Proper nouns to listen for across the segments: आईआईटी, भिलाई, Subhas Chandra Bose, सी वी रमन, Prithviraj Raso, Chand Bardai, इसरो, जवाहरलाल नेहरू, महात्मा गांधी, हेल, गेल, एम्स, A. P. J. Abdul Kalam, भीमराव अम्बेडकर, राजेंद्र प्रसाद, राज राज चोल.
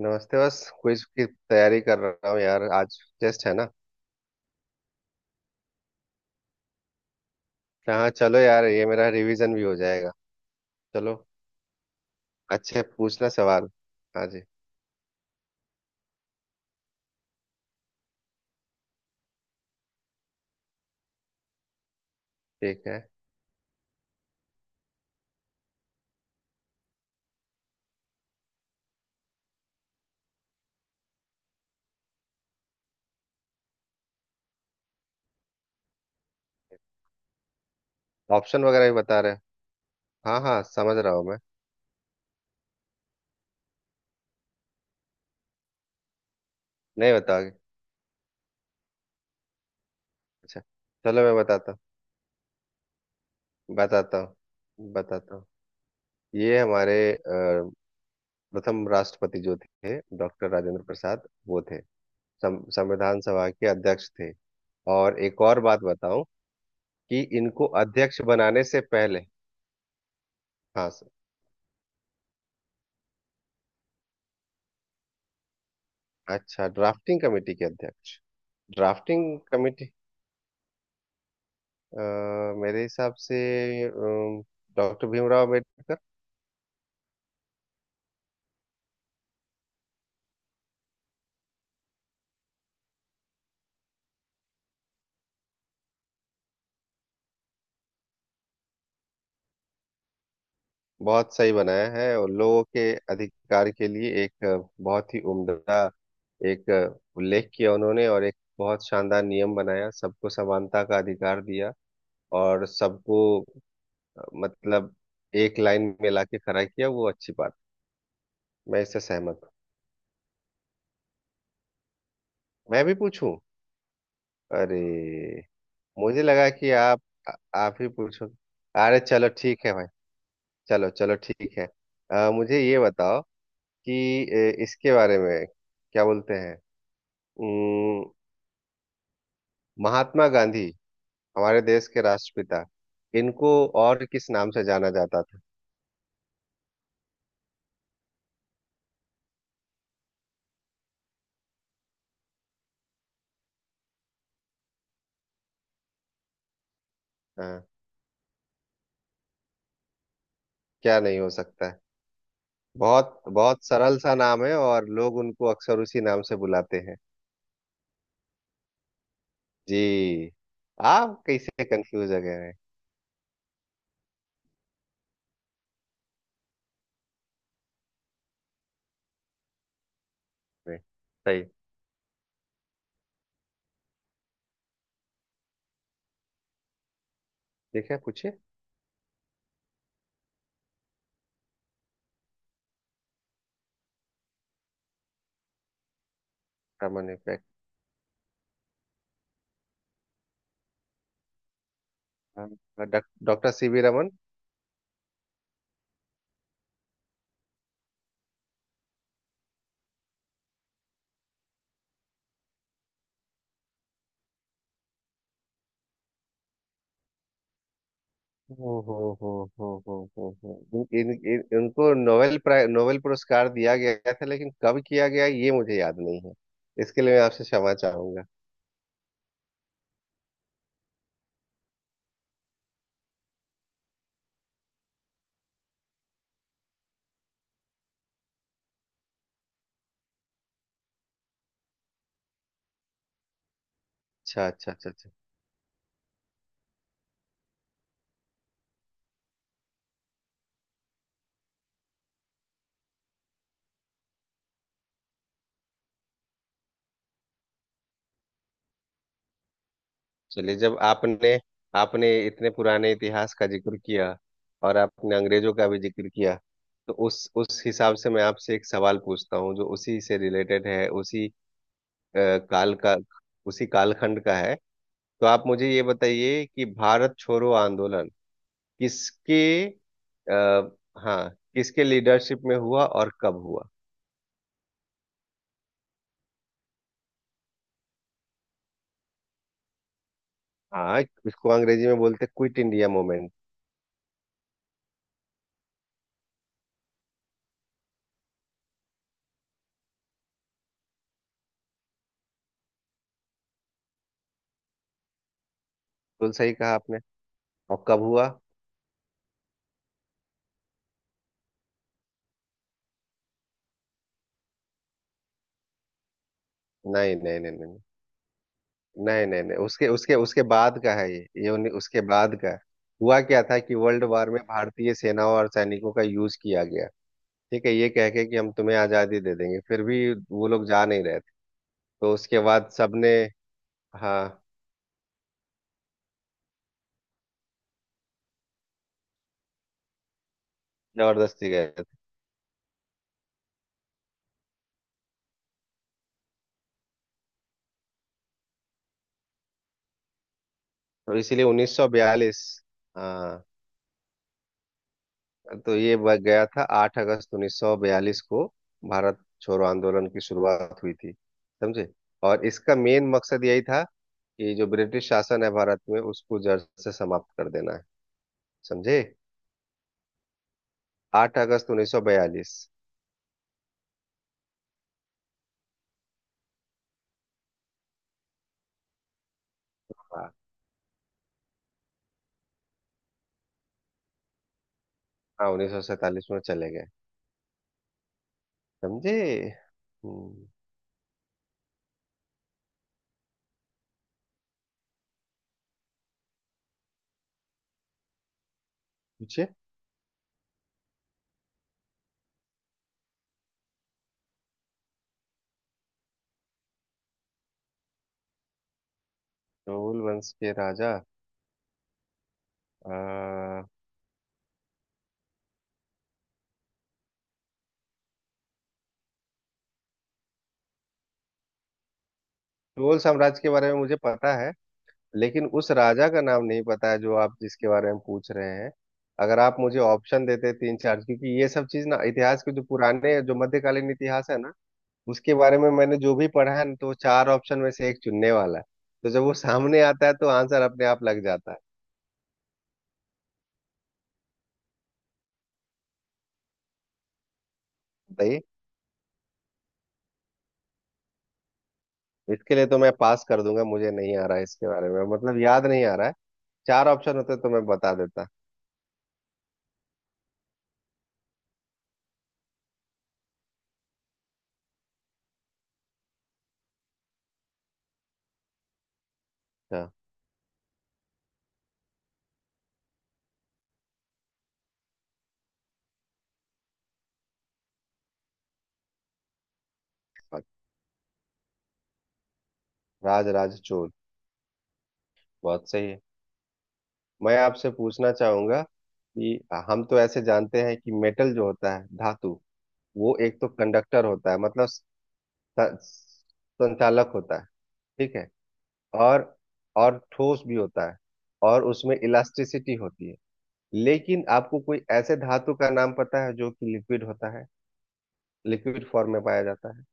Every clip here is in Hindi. नमस्ते। बस क्विज की तैयारी कर रहा हूँ यार, आज टेस्ट है ना। हाँ चलो यार, ये मेरा रिवीजन भी हो जाएगा। चलो, अच्छे पूछना सवाल। हाँ जी। ठीक है। ऑप्शन वगैरह भी बता रहे हैं? हाँ हाँ, समझ रहा हूँ मैं। नहीं बता, अच्छा। चलो, मैं बताता हूँ। ये हमारे प्रथम राष्ट्रपति जो थे, डॉक्टर राजेंद्र प्रसाद, वो थे संविधान सभा के अध्यक्ष थे। और एक और बात बताऊं कि इनको अध्यक्ष बनाने से पहले, हाँ। अच्छा, ड्राफ्टिंग कमेटी के अध्यक्ष, ड्राफ्टिंग कमेटी, अ, मेरे हिसाब से डॉक्टर भीमराव अम्बेडकर। बहुत सही बनाया है और लोगों के अधिकार के लिए एक बहुत ही उम्दा, एक उल्लेख किया उन्होंने। और एक बहुत शानदार नियम बनाया, सबको समानता का अधिकार दिया और सबको मतलब एक लाइन में लाके खड़ा किया। वो अच्छी बात, मैं इससे सहमत हूँ। मैं भी पूछूं? अरे, मुझे लगा कि आप, आ- आप ही पूछो। अरे चलो ठीक है भाई। चलो चलो, ठीक है। मुझे ये बताओ कि इसके बारे में क्या बोलते हैं, उम्म, महात्मा गांधी, हमारे देश के राष्ट्रपिता, इनको और किस नाम से जाना जाता था? हाँ, क्या नहीं हो सकता है। बहुत बहुत सरल सा नाम है और लोग उनको अक्सर उसी नाम से बुलाते हैं। जी। आप कैसे कंफ्यूज हो गए हैं इसमें? सही। ठीक है, पूछिए। सामान्य। हाँ, डॉक्टर सी वी रमन। हो हो हो हो इन, इन, इन, इनको नोबेल पुरस्कार दिया गया था, लेकिन कब किया गया ये मुझे याद नहीं है। इसके लिए मैं आपसे क्षमा चाहूंगा। अच्छा अच्छा अच्छा अच्छा। चलिए, जब आपने आपने इतने पुराने इतिहास का जिक्र किया और आपने अंग्रेजों का भी जिक्र किया, तो उस हिसाब से मैं आपसे एक सवाल पूछता हूँ जो उसी से रिलेटेड है, उसी काल का, उसी कालखंड का है। तो आप मुझे ये बताइए कि भारत छोड़ो आंदोलन किसके, आ, हाँ, किसके लीडरशिप में हुआ और कब हुआ? हाँ। इसको अंग्रेजी में बोलते, क्विट इंडिया मूवमेंट। बिल्कुल सही कहा आपने। और कब हुआ? नहीं नहीं नहीं नहीं नहीं नहीं नहीं, उसके उसके उसके बाद का है, ये उसके बाद का है। हुआ क्या था कि वर्ल्ड वार में भारतीय सेनाओं और सैनिकों का यूज किया गया। ठीक है, ये कह के कि हम तुम्हें आजादी दे देंगे, फिर भी वो लोग जा नहीं रहे थे। तो उसके बाद सबने, हाँ, जबरदस्ती गए। तो इसीलिए 1942। हाँ। तो ये गया था, 8 अगस्त 1942 को भारत छोड़ो आंदोलन की शुरुआत हुई थी। समझे? और इसका मेन मकसद यही था कि जो ब्रिटिश शासन है भारत में उसको जड़ से समाप्त कर देना है। समझे? 8 अगस्त 1942। हाँ, हाँ, 1947 में चले गए। समझे? हम्म, पूछिए। चोल वंश के राजा, अ, चोल साम्राज्य के बारे में मुझे पता है, लेकिन उस राजा का नाम नहीं पता है जो आप जिसके बारे में पूछ रहे हैं। अगर आप मुझे ऑप्शन देते तीन चार, क्योंकि ये सब चीज ना, इतिहास के जो पुराने, जो मध्यकालीन इतिहास है ना, उसके बारे में मैंने जो भी पढ़ा है ना, तो वो चार ऑप्शन में से एक चुनने वाला है। तो जब वो सामने आता है तो आंसर अपने आप लग जाता है। बताइए। इसके लिए तो मैं पास कर दूंगा, मुझे नहीं आ रहा है, इसके बारे में मतलब याद नहीं आ रहा है। चार ऑप्शन होते तो मैं बता देता। अच्छा, राज राज चोल। बहुत सही है। मैं आपसे पूछना चाहूंगा कि हम तो ऐसे जानते हैं कि मेटल जो होता है, धातु, वो एक तो कंडक्टर होता है, मतलब स- संचालक होता है। ठीक है। और ठोस भी होता है, और उसमें इलास्टिसिटी होती है। लेकिन आपको कोई ऐसे धातु का नाम पता है जो कि लिक्विड होता है, लिक्विड फॉर्म में पाया जाता है?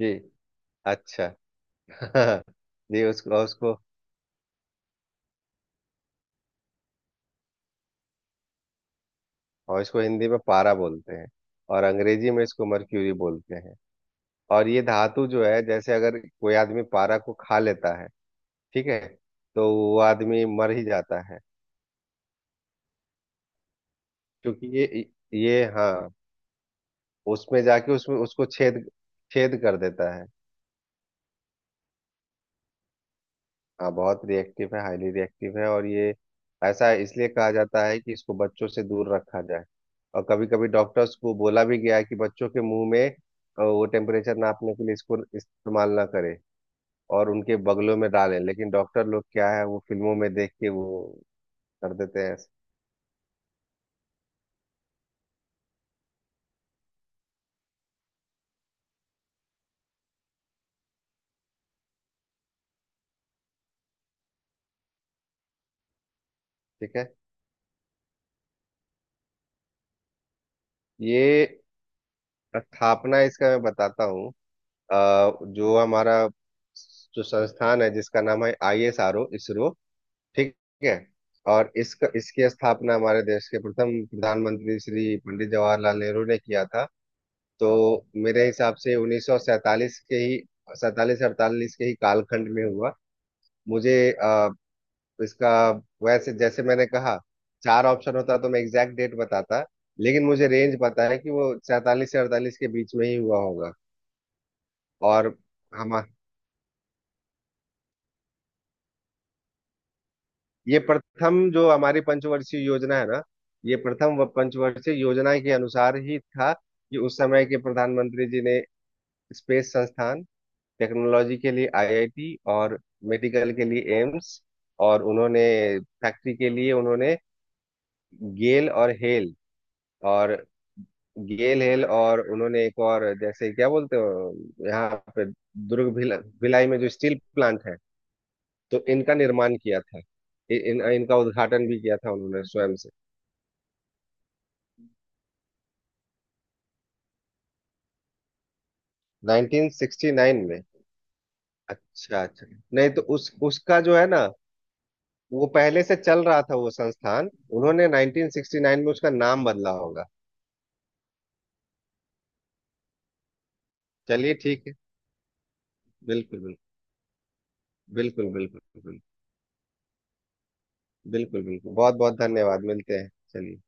जी। अच्छा। जी, उसको उसको और इसको हिंदी में पारा बोलते हैं, और अंग्रेजी में इसको मर्क्यूरी बोलते हैं। और ये धातु जो है, जैसे अगर कोई आदमी पारा को खा लेता है, ठीक है, तो वो आदमी मर ही जाता है। क्योंकि ये, हाँ, उसमें जाके, उसमें उसको छेद, कर देता है। हाँ बहुत रिएक्टिव है, हाईली रिएक्टिव है। और ये ऐसा इसलिए कहा जाता है कि इसको बच्चों से दूर रखा जाए। और कभी कभी डॉक्टर्स को बोला भी गया है कि बच्चों के मुंह में वो टेम्परेचर नापने के लिए इसको इस्तेमाल ना करें, और उनके बगलों में डालें। लेकिन डॉक्टर लोग क्या है, वो फिल्मों में देख के वो कर देते हैं ऐसे। ठीक है। ये स्थापना, इसका मैं बताता हूँ। अ, जो हमारा जो संस्थान है जिसका नाम है I S R O, इसरो। ठीक है। और इसका इसकी स्थापना हमारे देश के प्रथम प्रधानमंत्री श्री पंडित जवाहरलाल नेहरू ने किया था। तो मेरे हिसाब से 1947 के ही, सैतालीस अड़तालीस के ही कालखंड में हुआ मुझे। अ, तो इसका, वैसे, जैसे मैंने कहा, चार ऑप्शन होता तो मैं एग्जैक्ट डेट बताता, लेकिन मुझे रेंज पता है कि वो सैतालीस से अड़तालीस के बीच में ही हुआ होगा। और हम, ये प्रथम जो हमारी पंचवर्षीय योजना है ना, ये प्रथम पंचवर्षीय योजना के अनुसार ही था कि उस समय के प्रधानमंत्री जी ने स्पेस संस्थान, टेक्नोलॉजी के लिए आईआईटी, और मेडिकल के लिए एम्स, और उन्होंने फैक्ट्री के लिए उन्होंने गेल और हेल, और उन्होंने एक और, जैसे क्या बोलते हो यहाँ पे, दुर्ग भिला, भिलाई में जो स्टील प्लांट है, तो इनका निर्माण किया था। इनका उद्घाटन भी किया था उन्होंने स्वयं से। 1969 में। अच्छा अच्छा। नहीं, तो उस, उसका जो है ना, वो पहले से चल रहा था वो संस्थान। उन्होंने 1969 में उसका नाम बदला होगा। चलिए ठीक है। बिल्कुल बिल्कुल बिल्कुल बिल्कुल बिल्कुल बिल्कुल बिल्कुल, बहुत बहुत धन्यवाद, मिलते हैं। चलिए।